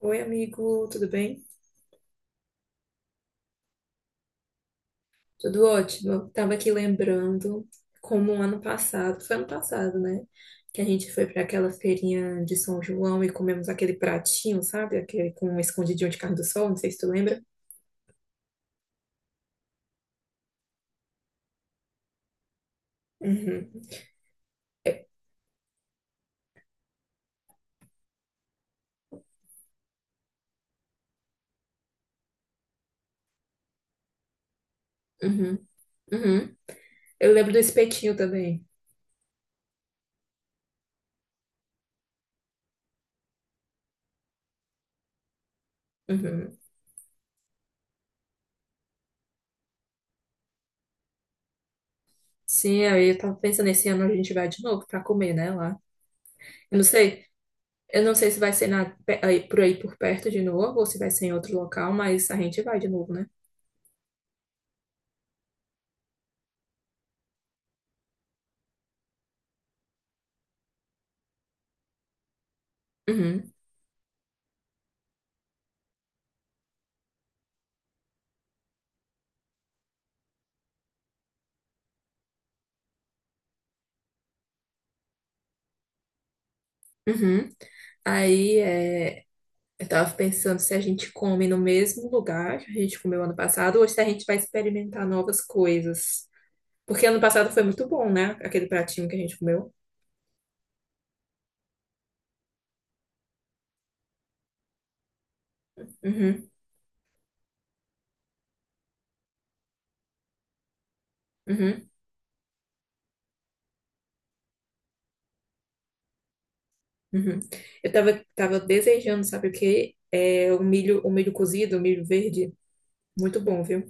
Oi, amigo, tudo bem? Tudo ótimo. Tava aqui lembrando como ano passado, foi ano passado, né? Que a gente foi para aquela feirinha de São João e comemos aquele pratinho, sabe? Aquele com um escondidinho de carne do sol, não sei se tu lembra. Uhum. É, uhum, uhum. Eu lembro do espetinho também. Uhum. Sim, aí eu tava pensando, esse ano a gente vai de novo para comer, né, lá. Eu não sei, eu não sei se vai ser na, por aí por perto de novo ou se vai ser em outro local, mas a gente vai de novo, né? Uhum. Uhum. Aí é, eu tava pensando se a gente come no mesmo lugar que a gente comeu ano passado ou se a gente vai experimentar novas coisas. Porque ano passado foi muito bom, né? Aquele pratinho que a gente comeu. Uhum, uhum, uhum. Tava desejando, sabe o quê? O milho cozido, o milho verde. Muito bom, viu?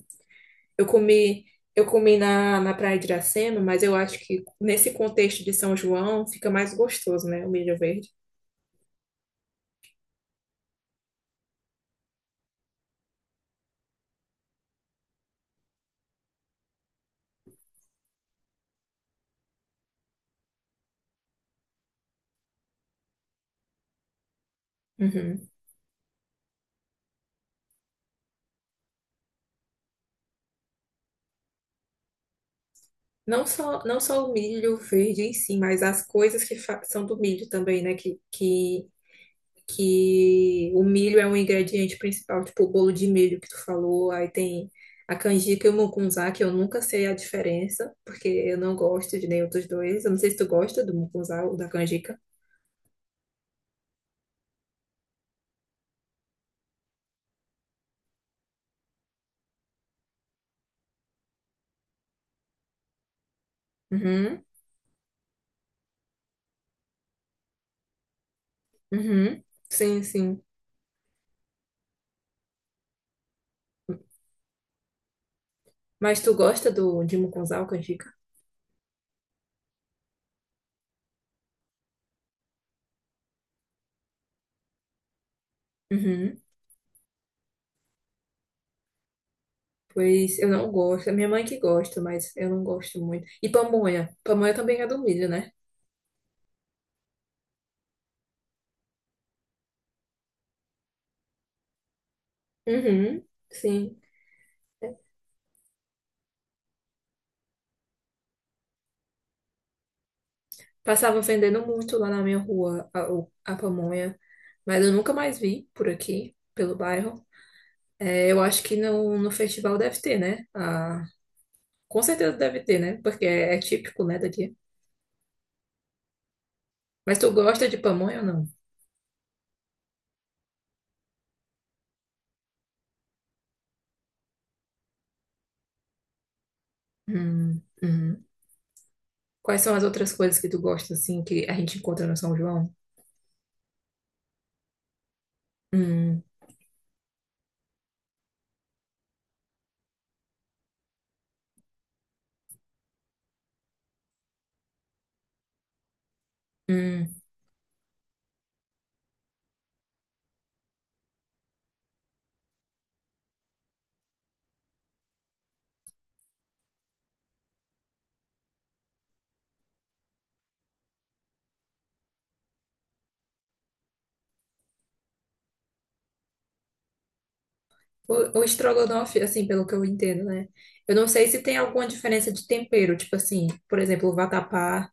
Eu comi, eu comi na Praia de Iracema, mas eu acho que nesse contexto de São João fica mais gostoso, né? O milho verde. Uhum. Não só o milho verde em si, mas as coisas que são do milho também, né? Que o milho é um ingrediente principal, tipo o bolo de milho que tu falou, aí tem a canjica e o mucunzá, que eu nunca sei a diferença, porque eu não gosto de nenhum dos dois. Eu não sei se tu gosta do mucunzá ou da canjica. Uhum, uhum. Sim, sim. Mas tu gosta do, de mucunzá ou canjica? Uhum. Pois eu não gosto. É minha mãe que gosta, mas eu não gosto muito. E pamonha. Pamonha também é do milho, né? Uhum, sim. Passava vendendo muito lá na minha rua a pamonha, mas eu nunca mais vi por aqui, pelo bairro. É, eu acho que no festival deve ter, né? Ah, com certeza deve ter, né? Porque é típico, né, daqui. Mas tu gosta de pamonha ou não? Uhum. Quais são as outras coisas que tu gosta, assim, que a gente encontra no São João? Hum, hum. O estrogonofe, assim, pelo que eu entendo, né? Eu não sei se tem alguma diferença de tempero, tipo assim, por exemplo, o vatapá,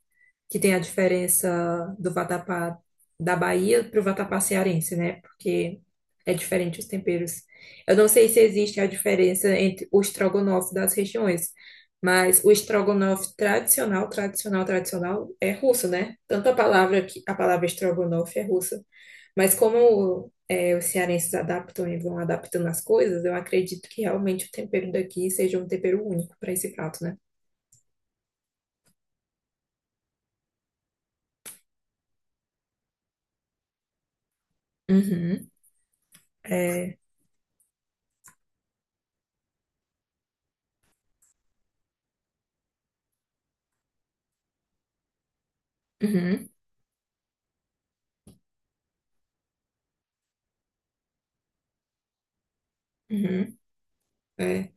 que tem a diferença do vatapá da Bahia para o vatapá cearense, né? Porque é diferente os temperos. Eu não sei se existe a diferença entre o estrogonofe das regiões, mas o estrogonofe tradicional, tradicional, tradicional é russo, né? Tanto a palavra que a palavra estrogonofe é russa. Mas como é, os cearenses adaptam e vão adaptando as coisas, eu acredito que realmente o tempero daqui seja um tempero único para esse prato, né? Uhum. É. Uhum. Uhum. É.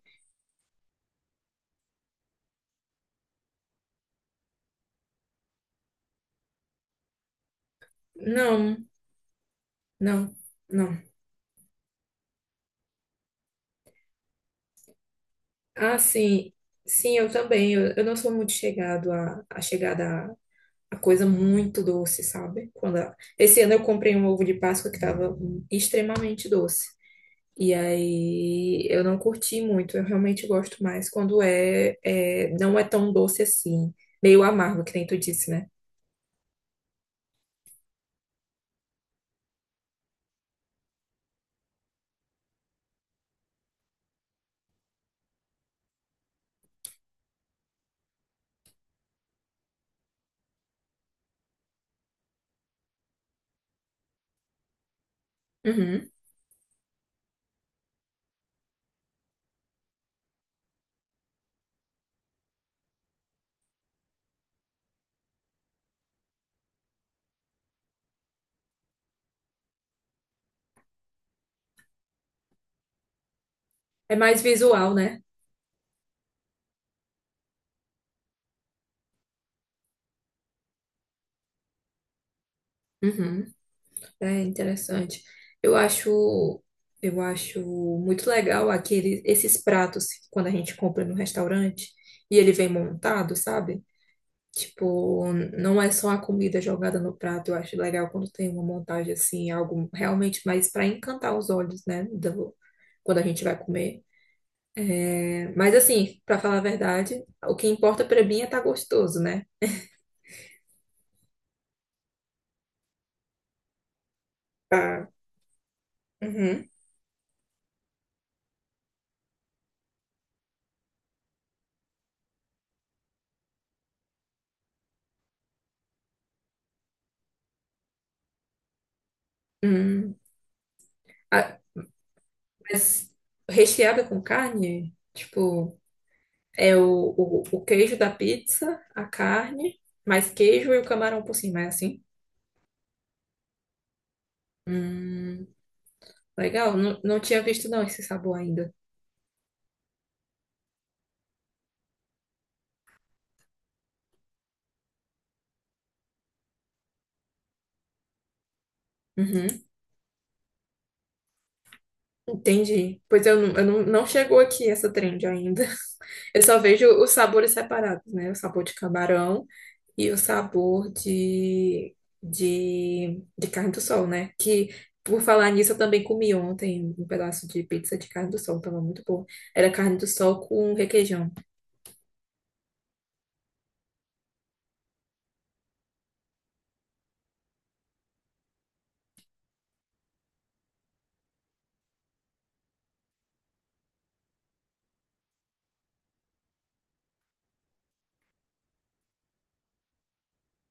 Não, não, não. Ah, sim. Sim, eu também. Eu não sou muito chegado a coisa muito doce, sabe? Quando esse ano eu comprei um ovo de Páscoa que estava extremamente doce. E aí eu não curti muito, eu realmente gosto mais quando é não é tão doce assim, meio amargo, que nem tu disse, né? Uhum. É mais visual, né? Uhum. É interessante. Eu acho, eu acho muito legal aquele, esses pratos quando a gente compra no restaurante e ele vem montado, sabe? Tipo, não é só a comida jogada no prato. Eu acho legal quando tem uma montagem assim, algo realmente mais para encantar os olhos, né? Quando a gente vai comer. É, mas assim, para falar a verdade, o que importa para mim é estar gostoso, né? Tá. Uhum. Hum, a- mas recheada com carne, tipo, é o queijo da pizza, a carne, mais queijo e o camarão por cima, é assim? Hum, legal, não, não tinha visto não esse sabor ainda. Uhum. Entendi. Pois eu não, não chegou aqui essa trend ainda. Eu só vejo os sabores separados, né? O sabor de camarão e o sabor de carne do sol, né? Que, por falar nisso, eu também comi ontem um pedaço de pizza de carne do sol. Tava muito bom. Era carne do sol com requeijão.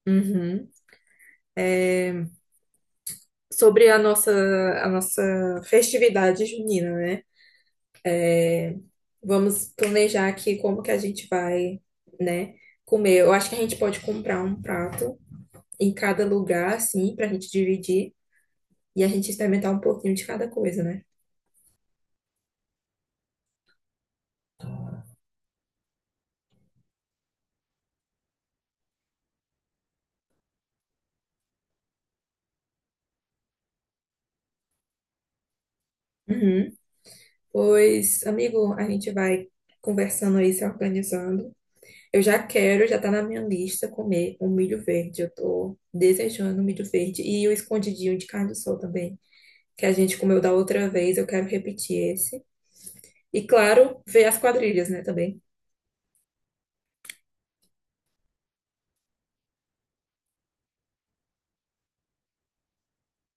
Uhum. Sobre a nossa, a nossa festividade junina, né? Vamos planejar aqui como que a gente vai, né, comer. Eu acho que a gente pode comprar um prato em cada lugar, assim, pra gente dividir e a gente experimentar um pouquinho de cada coisa, né? Uhum. Pois, amigo, a gente vai conversando aí, se organizando. Já tá na minha lista comer um milho verde. Eu tô desejando um milho verde e o escondidinho de carne do sol também, que a gente comeu da outra vez. Eu quero repetir esse. E claro, ver as quadrilhas, né, também.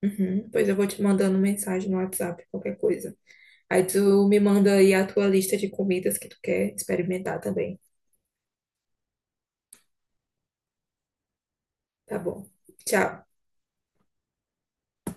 Uhum. Pois eu vou te mandando mensagem no WhatsApp, qualquer coisa. Aí tu me manda aí a tua lista de comidas que tu quer experimentar também. Tá bom. Tchau.